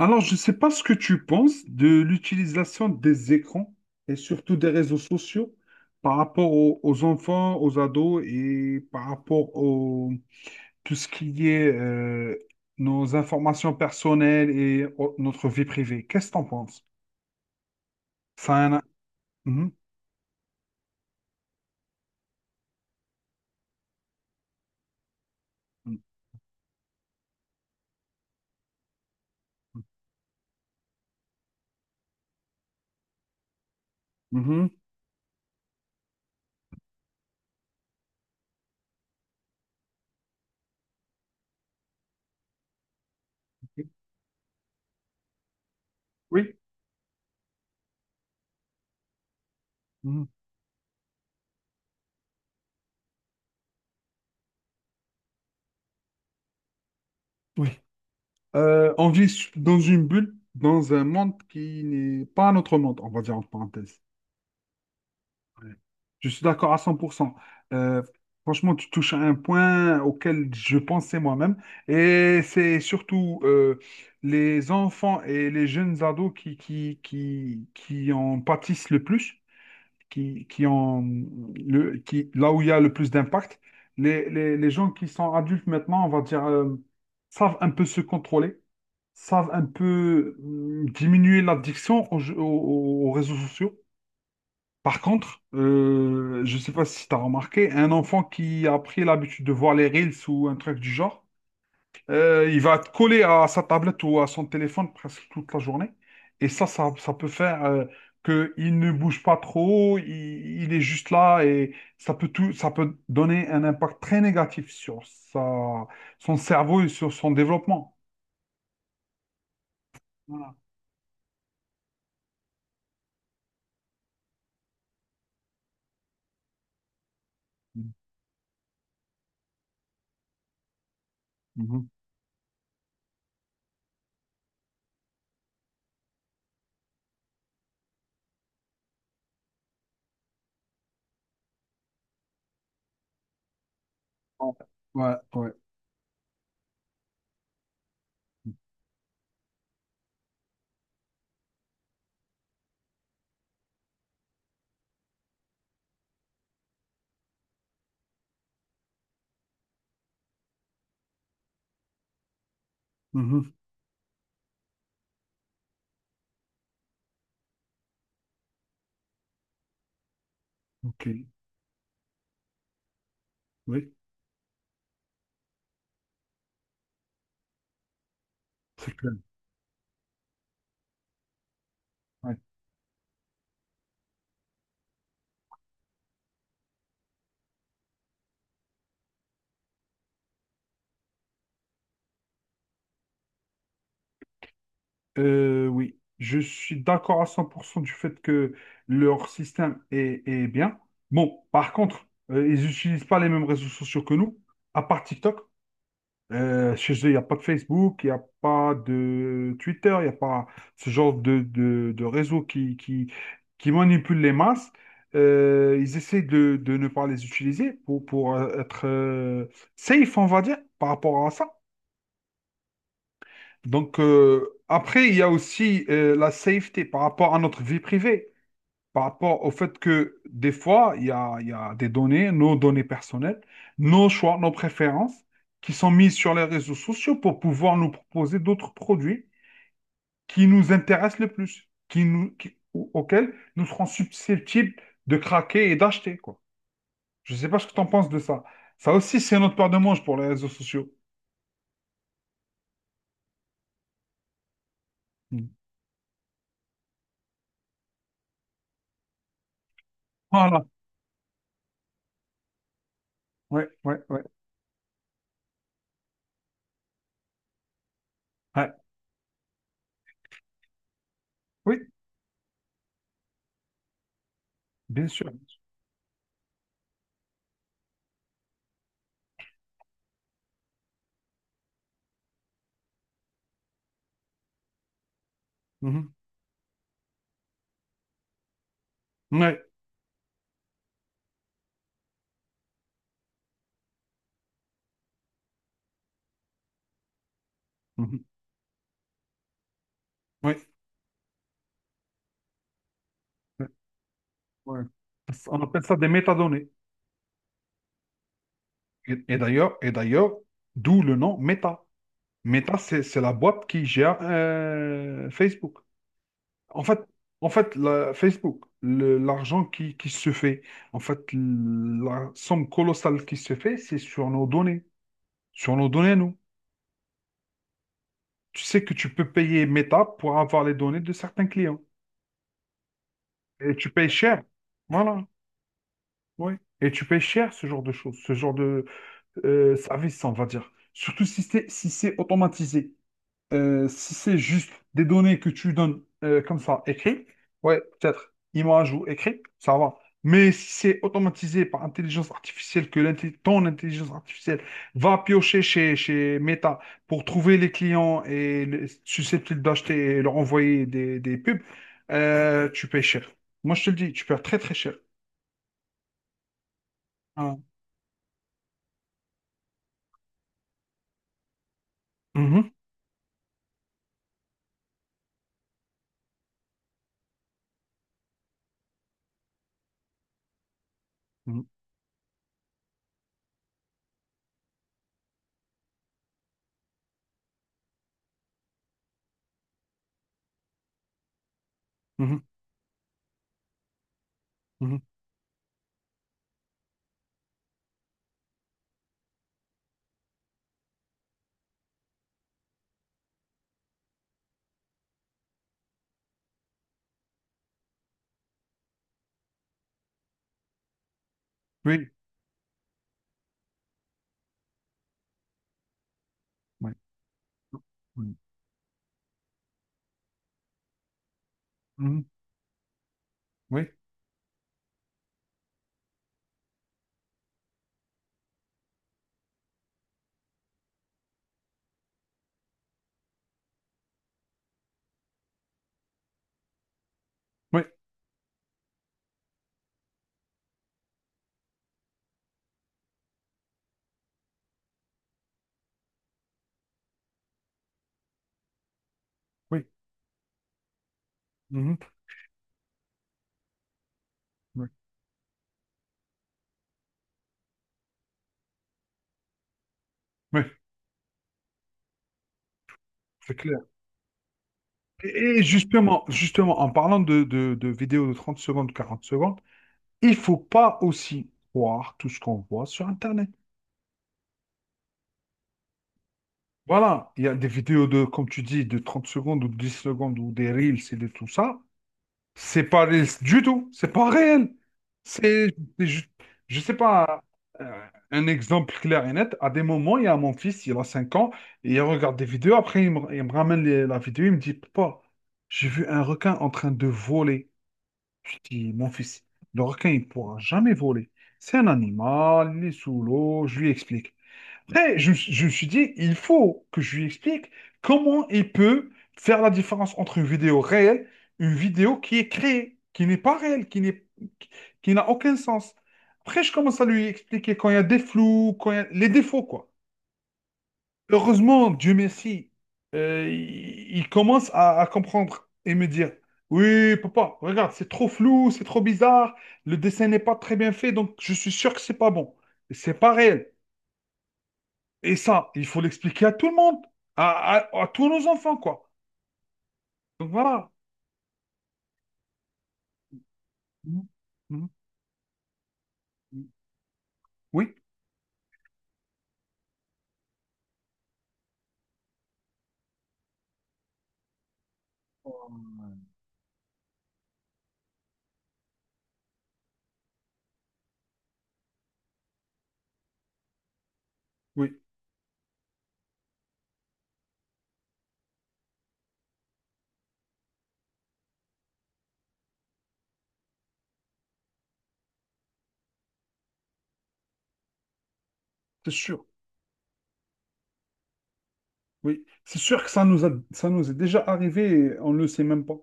Alors, je ne sais pas ce que tu penses de l'utilisation des écrans et surtout des réseaux sociaux par rapport aux, enfants, aux ados et par rapport au tout ce qui est nos informations personnelles et notre vie privée. Qu'est-ce que tu en penses? Ça a un- Mhm. Mhm. Ok. Oui. Mhm. Oui. On vit dans une bulle, dans un monde qui n'est pas notre monde, on va dire en parenthèse. Ouais. Je suis d'accord à 100%. Euh, Franchement, tu touches à un point auquel je pensais moi-même. Et c'est surtout les enfants et les jeunes ados qui en pâtissent le plus, qui en, le, qui, là où il y a le plus d'impact. Les gens qui sont adultes maintenant, on va dire, savent un peu se contrôler, savent un peu diminuer l'addiction aux aux réseaux sociaux. Par contre, je ne sais pas si tu as remarqué, un enfant qui a pris l'habitude de voir les reels ou un truc du genre, il va te coller à sa tablette ou à son téléphone presque toute la journée. Et ça peut faire que qu'il ne bouge pas trop, il est juste là et ça peut tout, ça peut donner un impact très négatif sur sa, son cerveau et sur son développement. Voilà. Mhm. Ouais, ouais. Mhm. Ok. Oui, c'est clair. Oui, je suis d'accord à 100% du fait que leur système est, est bien. Bon, par contre, ils n'utilisent pas les mêmes réseaux sociaux que nous, à part TikTok. Chez eux, il n'y a pas de Facebook, il n'y a pas de Twitter, il n'y a pas ce genre de réseau qui manipule les masses. Ils essaient de ne pas les utiliser pour être safe, on va dire, par rapport à ça. Donc, après, il y a aussi la safety par rapport à notre vie privée, par rapport au fait que des fois, il y a des données, nos données personnelles, nos choix, nos préférences, qui sont mises sur les réseaux sociaux pour pouvoir nous proposer d'autres produits qui nous intéressent le plus, qui nous, qui- au- auxquels nous serons susceptibles de craquer et d'acheter, quoi. Je ne sais pas ce que tu en penses de ça. Ça aussi, c'est notre paire de manches pour les réseaux sociaux. Mm. Voilà. Ouais, ouais, ouais. Ouais. Oui, bien sûr. Ouais. Mhm. Ouais. Ouais. Ouais. On appelle ça des métadonnées. Et d'ailleurs, d'où le nom Meta. Meta, c'est la boîte qui gère Facebook. En fait, en fait, Facebook, l'argent qui se fait, en fait, la somme colossale qui se fait, c'est sur nos données. Sur nos données, nous. Tu sais que tu peux payer Meta pour avoir les données de certains clients. Et tu payes cher. Voilà. Oui. Et tu payes cher ce genre de choses, ce genre de, service, on va dire. Surtout si c'est automatisé. Si c'est juste des données que tu donnes comme ça, écrit, ouais, peut-être image ou écrit, ça va. Mais si c'est automatisé par intelligence artificielle, que ton intelligence artificielle va piocher chez Meta pour trouver les clients et susceptibles d'acheter et leur envoyer des pubs, tu payes cher. Moi, je te le dis, tu payes très très cher. Hein. Mhm. Mhm. Mhm. Mhm. Oui. Ouais. Mm. Mhm. Oui, oui, oui, Mhm. oui, oui, c'est clair. Et et justement, justement, en parlant de vidéos de 30 secondes, 40 secondes, il faut pas aussi croire tout ce qu'on voit sur Internet. Voilà, il y a des vidéos de, comme tu dis, de 30 secondes ou 10 secondes ou des reels et de tout ça. C'est pas ré- du tout, C'est pas réel. C'est, c'est ju- je sais pas, euh, un exemple clair et net. À des moments, il y a mon fils, il a 5 ans, et il regarde des vidéos. Après, il me ramène la vidéo, il me dit, Papa, j'ai vu un requin en train de voler. Je dis, mon fils, le requin, il pourra jamais voler. C'est un animal, il est sous l'eau. Je lui explique. Après, je me suis dit, il faut que je lui explique comment il peut faire la différence entre une vidéo réelle, une vidéo qui est créée, qui n'est pas réelle, qui qui n'a aucun sens. Après, je commence à lui expliquer quand il y a des flous, quand il y a les défauts, quoi. Heureusement, Dieu merci, il commence à comprendre et me dire, oui, papa, regarde, c'est trop flou, c'est trop bizarre, le dessin n'est pas très bien fait, donc je suis sûr que c'est pas bon. C'est pas réel. Et ça, il faut l'expliquer à tout le monde, à, à tous nos enfants, quoi. Donc voilà. Mhm. Mhm. Oui. Oui, c'est sûr. Oui, c'est sûr que ça nous est déjà arrivé et on ne le sait même pas.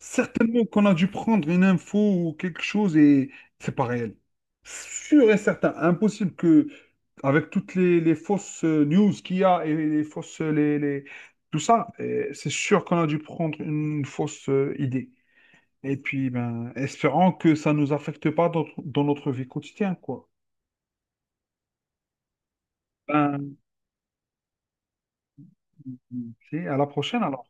Certainement qu'on a dû prendre une info ou quelque chose et c'est pas réel. Sûr et certain, impossible que, avec toutes les fausses news qu'il y a et les fausses, tout ça, c'est sûr qu'on a dû prendre une fausse idée. Et puis, ben, espérant que ça ne nous affecte pas dans, dans notre vie quotidienne, quoi. Ben, c'est à la prochaine, alors.